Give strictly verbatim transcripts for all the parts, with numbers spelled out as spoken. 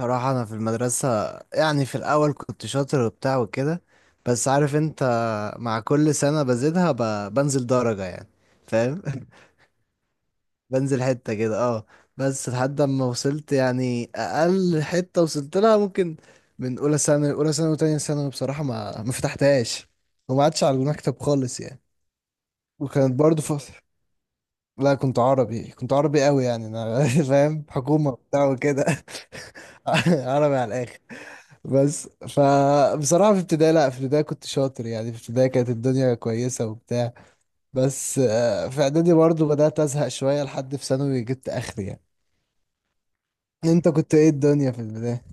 صراحة أنا في المدرسة، يعني في الأول كنت شاطر وبتاع وكده. بس عارف أنت، مع كل سنة بزيدها ب... بنزل درجة يعني، فاهم؟ بنزل حتة كده، اه. بس لحد ما وصلت يعني أقل حتة وصلت لها، ممكن من أولى سنة أولى سنة وتانية سنة بصراحة ما ما فتحتهاش، وما عادش على المكتب خالص يعني. وكانت برضه فترة. لا كنت عربي كنت عربي قوي يعني أنا، فاهم حكومة وبتاع وكده. عربي على الآخر. بس فبصراحة في ابتدائي، لا في ابتدائي كنت شاطر يعني، في ابتدائي كانت الدنيا كويسة وبتاع. بس آه، في اعدادي برضو بدأت أزهق شوية، لحد في ثانوي جبت آخري يعني. انت كنت ايه الدنيا في البداية؟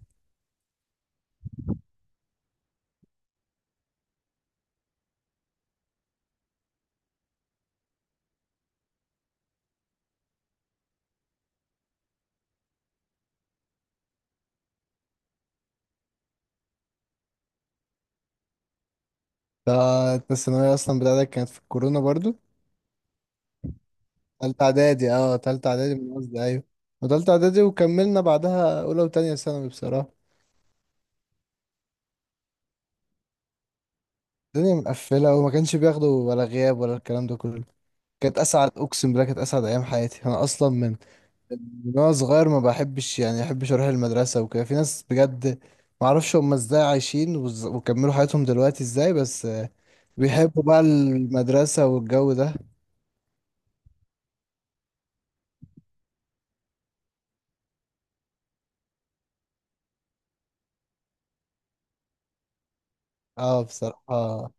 تا- انت الثانوية اصلا بتاعتك كانت في الكورونا برضو؟ تالتة اعدادي، اه تالتة اعدادي من قصدي، ايوه. وتالتة اعدادي، وكملنا بعدها اولى وتانية ثانوي بصراحة. الدنيا مقفلة، وما كانش بياخدوا ولا غياب ولا الكلام ده كله. كانت اسعد اقسم بالله، كانت اسعد ايام حياتي. انا اصلا من من وانا صغير ما بحبش يعني ما بحبش اروح المدرسه وكده. في ناس بجد ما اعرفش هم ازاي عايشين وز- وكملوا حياتهم دلوقتي ازاي، بس آه، بيحبوا بقى المدرسه والجو ده. اه بصراحه،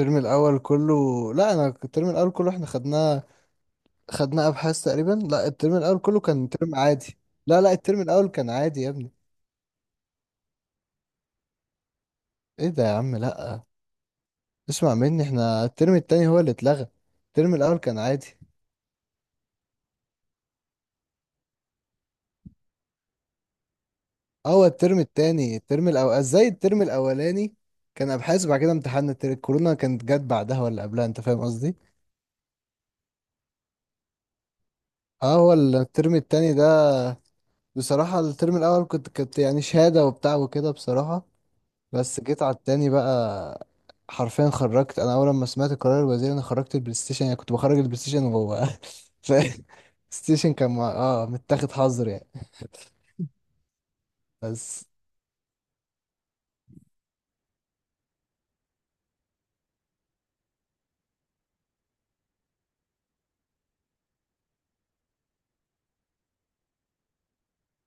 الترم الاول كله. لا انا الترم الاول كله احنا خدناه خدناه ابحاث تقريبا. لا الترم الاول كله كان ترم عادي. لا لا الترم الاول كان عادي يا ابني. ايه ده يا عم لا، اسمع مني، احنا الترم التاني هو اللي اتلغى، الترم الاول كان عادي. آه، هو الترم التاني، الترم الأول ازاي، الترم الأولاني كان أبحاث. بعد كده امتحان التر- الكورونا كانت جت بعدها ولا قبلها، أنت فاهم قصدي؟ اه هو الترم التاني ده. بصراحة الترم الأول كنت كنت يعني شهادة وبتاع وكده بصراحة. بس جيت على التاني بقى. حرفيا خرجت أنا، أول ما سمعت قرار الوزير أنا خرجت البلاي ستيشن، يعني كنت بخرج البلاي ستيشن وهو ف الستيشن كان مع... اه متاخد حظر يعني بس.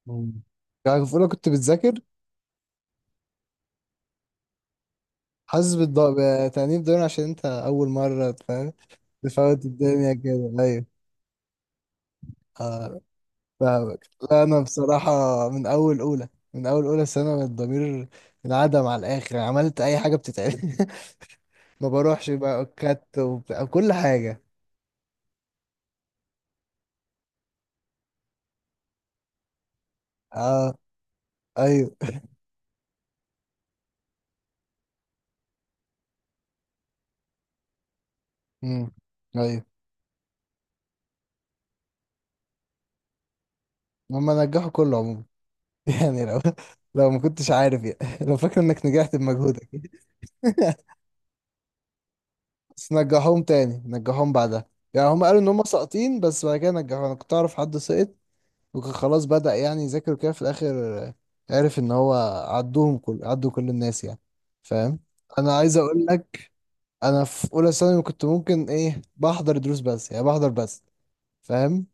مم. يعني في أولى كنت بتذاكر. حاسس بالضغط، بتأنيب ضمير، عشان أنت أول مرة فاهم. تفوت الدنيا كده، ايوه. آه، فاهمك. لا انا بصراحه، من اول اولى من اول اولى سنه الضمير انعدم على الاخر، عملت اي حاجه بتتعمل. ما بروحش بقى كات وبتاع كل حاجه. اه ايوه، امم ايوه. هما نجحوا كله عموما. يعني لو لو ما كنتش عارف يعني. لو فاكر انك نجحت بمجهودك. بس نجحوهم تاني، نجحوهم بعدها. يعني هم قالوا ان هم ساقطين بس بعد كده نجحوا. انا كنت اعرف حد سقط وكان خلاص بدأ يعني يذاكر كده في الآخر، عرف إن هو عدوهم كل عدوا كل الناس يعني، فاهم. أنا عايز أقول لك، أنا في أولى ثانوي كنت ممكن إيه، بحضر دروس بس يعني، بحضر بس، فاهم.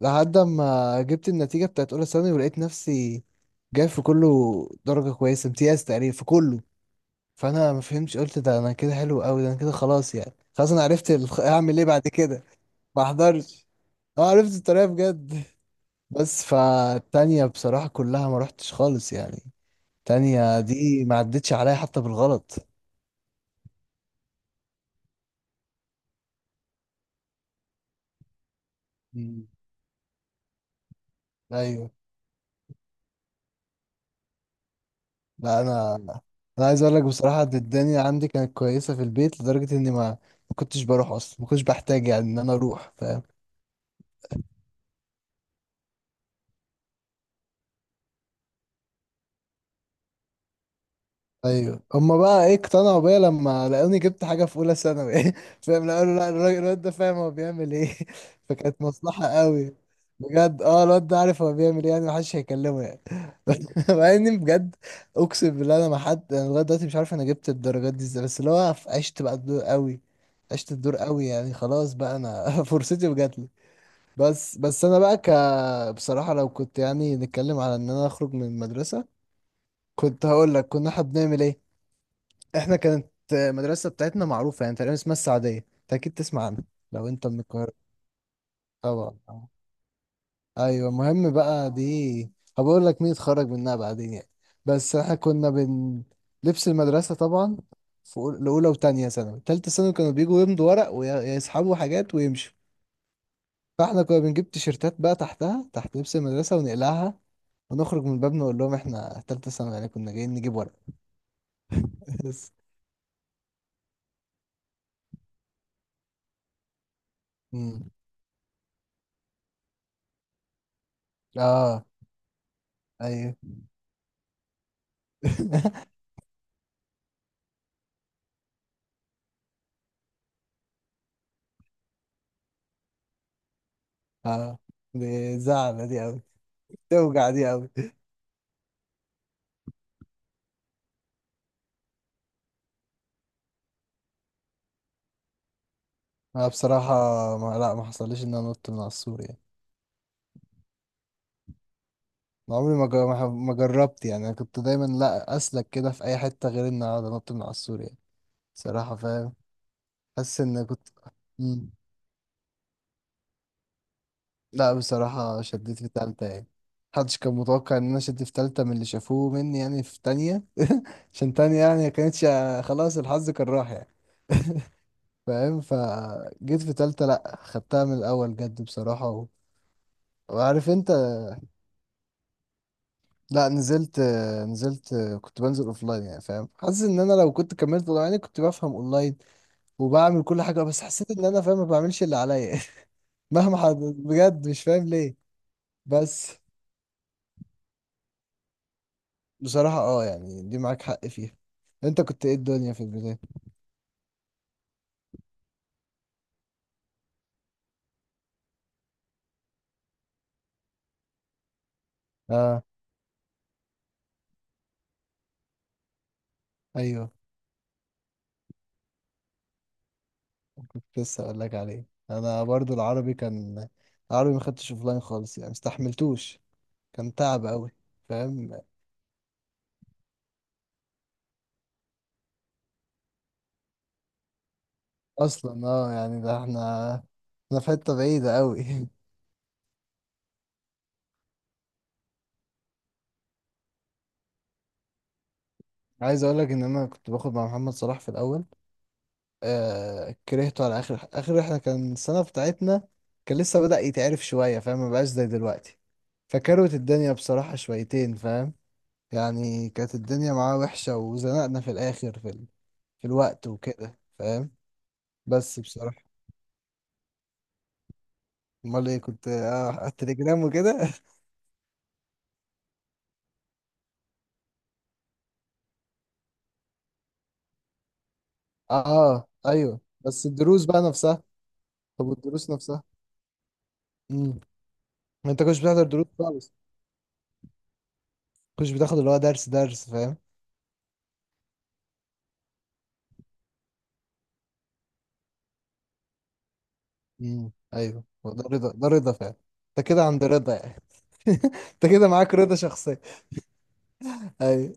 لحد ما جبت النتيجة بتاعت أولى ثانوي، ولقيت نفسي جايب في كله درجة كويسة، امتياز تقريبا في كله. فأنا ما فهمتش، قلت ده أنا كده حلو أوي، ده أنا كده خلاص يعني. خلاص أنا عرفت ال- أعمل إيه بعد كده. ما أحضرش. أه عرفت الطريقة بجد. بس فالتانية بصراحة كلها ما رحتش خالص يعني، التانية دي ما عدتش عليا حتى بالغلط. مم. ايوه. لا انا انا عايز اقول لك بصراحة إن الدنيا عندي كانت كويسة في البيت، لدرجة اني ما ما كنتش بروح اصلا، ما كنتش بحتاج يعني ان انا اروح، فاهم. ايوه هما بقى ايه اقتنعوا بيا لما لقوني جبت حاجه في اولى ثانوي، فاهم؟ لا قالوا لا، الراجل الواد ده فاهم هو بيعمل ايه. فكانت مصلحه قوي، بجد اه الواد ده عارف هو بيعمل ايه يعني، محدش هيكلمه يعني. مع اني بجد اقسم بالله، انا ما حد انا لغايه دلوقتي مش عارف انا جبت الدرجات دي ازاي، بس اللي هو عشت بقى الدور قوي. عشت الدور قوي يعني، خلاص بقى انا فرصتي وجاتلي. بس بس انا بقى ك بصراحه، لو كنت يعني نتكلم على ان انا اخرج من المدرسه، كنت هقول لك كنا احنا بنعمل ايه. احنا كانت المدرسة بتاعتنا معروفة يعني تقريبا، اسمها السعدية، انت اكيد تسمع عنها لو انت من القاهرة. طبعا آه. ايوه المهم بقى دي، هبقول لك مين اتخرج منها بعدين يعني. بس احنا كنا بن لبس المدرسة طبعا. في أول- لأولى وتانية ثانوي، تالتة ثانوي كانوا بيجوا يمضوا ورق ويسحبوا حاجات ويمشوا. فاحنا كنا بنجيب تيشيرتات بقى تحتها، تحت لبس المدرسة، ونقلعها، ونخرج من الباب نقول لهم احنا تالتة ثانوي يعني كنا جايين نجيب ورق. بس. مم. اه ايوه. اه دي زعلة دي أوي، توجع دي أوي. أنا بصراحة ما لا ما حصليش إن أنا نط من على السور يعني. أنا عمري ما جر- ما ح- ما جربت يعني، أنا كنت دايما لا أسلك كده في أي حتة، غير إن أقعد أنط من على السور يعني. بصراحة فاهم. حاسس إن كنت. مم. لا بصراحة شديت في تالتة يعني. محدش كان متوقع إن أنا شديت في تالتة من اللي شافوه مني يعني، في تانية عشان تانية يعني كانتش، خلاص الحظ كان راح يعني. فاهم. فجيت في تالتة لأ، خدتها من الأول جد بصراحة و... وعارف انت. لا نزلت نزلت كنت بنزل اوفلاين يعني، فاهم. حاسس ان انا لو كنت كملت اونلاين يعني كنت بفهم اونلاين وبعمل كل حاجه، بس حسيت ان انا فاهم ما بعملش اللي عليا. مهما حد بجد مش فاهم ليه. بس بصراحه اه يعني دي معاك حق فيها. انت كنت ايه الدنيا في البدايه؟ اه ايوه كنت لسه اقول لك عليه، انا برضو العربي كان العربي ما خدتش اوفلاين خالص يعني، مستحملتوش، كان تعب قوي، فاهم. اصلا اه يعني ده احنا احنا في حته بعيده قوي. عايز اقول لك ان انا كنت باخد مع محمد صلاح في الاول. آه كرهته على اخر اخر رحله، كان السنه بتاعتنا كان لسه بدأ يتعرف شويه، فاهم، ما بقاش زي دلوقتي. فكروت الدنيا بصراحه شويتين فاهم، يعني كانت الدنيا معاه وحشه وزنقنا في الاخر في ال... في الوقت وكده، فاهم. بس بصراحه، امال ايه كنت آه على التليجرام وكده. اه ايوه بس الدروس بقى نفسها. طب والدروس نفسها. امم انت كنتش بتحضر دروس خالص؟ كنتش بتاخد اللي هو درس درس، فاهم؟ امم ايوه هو ده رضا، ده رضا فعلا. انت كده عند رضا يعني. انت كده معاك رضا شخصية. ايوه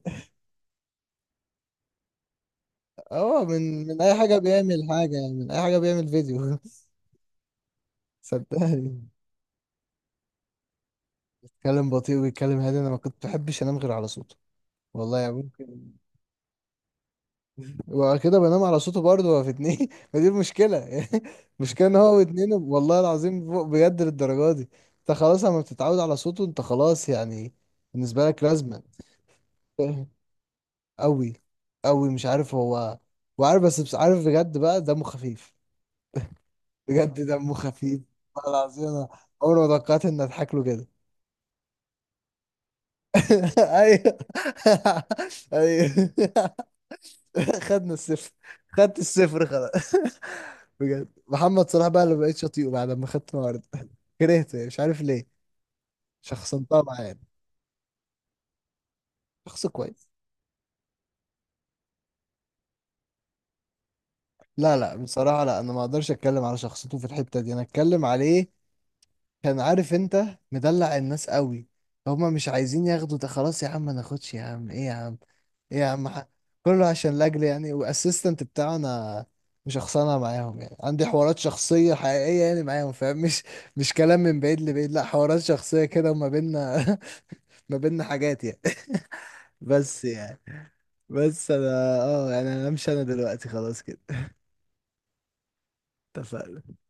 اه، من من اي حاجة بيعمل حاجة يعني، من اي حاجة بيعمل فيديو. صدقني بيتكلم بطيء وبيتكلم هادي، انا ما كنت بحبش انام غير على صوته. والله يعني ممكن، وبعد كده بنام على صوته برضه، هو في اتنين ما دي المشكلة يعني. المشكلة ان هو واتنين والله العظيم، فوق بجد للدرجة دي. انت خلاص لما بتتعود على صوته انت خلاص يعني، بالنسبة لك لازمة. قوي قوي مش عارف هو. وعارف بس بس عارف بجد بقى دمه خفيف. بجد دمه خفيف، والله العظيم انا عمري ما توقعت اني اضحك له كده. ايوه. ايوه. خدنا الصفر، خدت الصفر خلاص. بجد محمد صلاح بقى اللي بقيت شاطئه بعد ما خدت النهارده. كرهته يعني، مش عارف ليه. شخصنتها معاه يعني. شخص كويس. لا لا بصراحة لا، انا ما اقدرش اتكلم على شخصيته في الحتة دي، انا اتكلم عليه كان عارف انت مدلع الناس قوي. هما مش عايزين ياخدوا، ده خلاص يا عم ما ناخدش يا عم، ايه يا عم، ايه يا عم ح- كله عشان لاجل يعني واسيستنت بتاعه. انا مش شخصانه معاهم يعني، عندي حوارات شخصيه حقيقيه يعني معاهم فاهم، مش مش كلام من بعيد لبعيد، لا حوارات شخصيه كده وما بينا. ما بينا حاجات يعني. بس يعني، بس انا اه يعني انا همشي، انا دلوقتي خلاص كده. اتفقنا.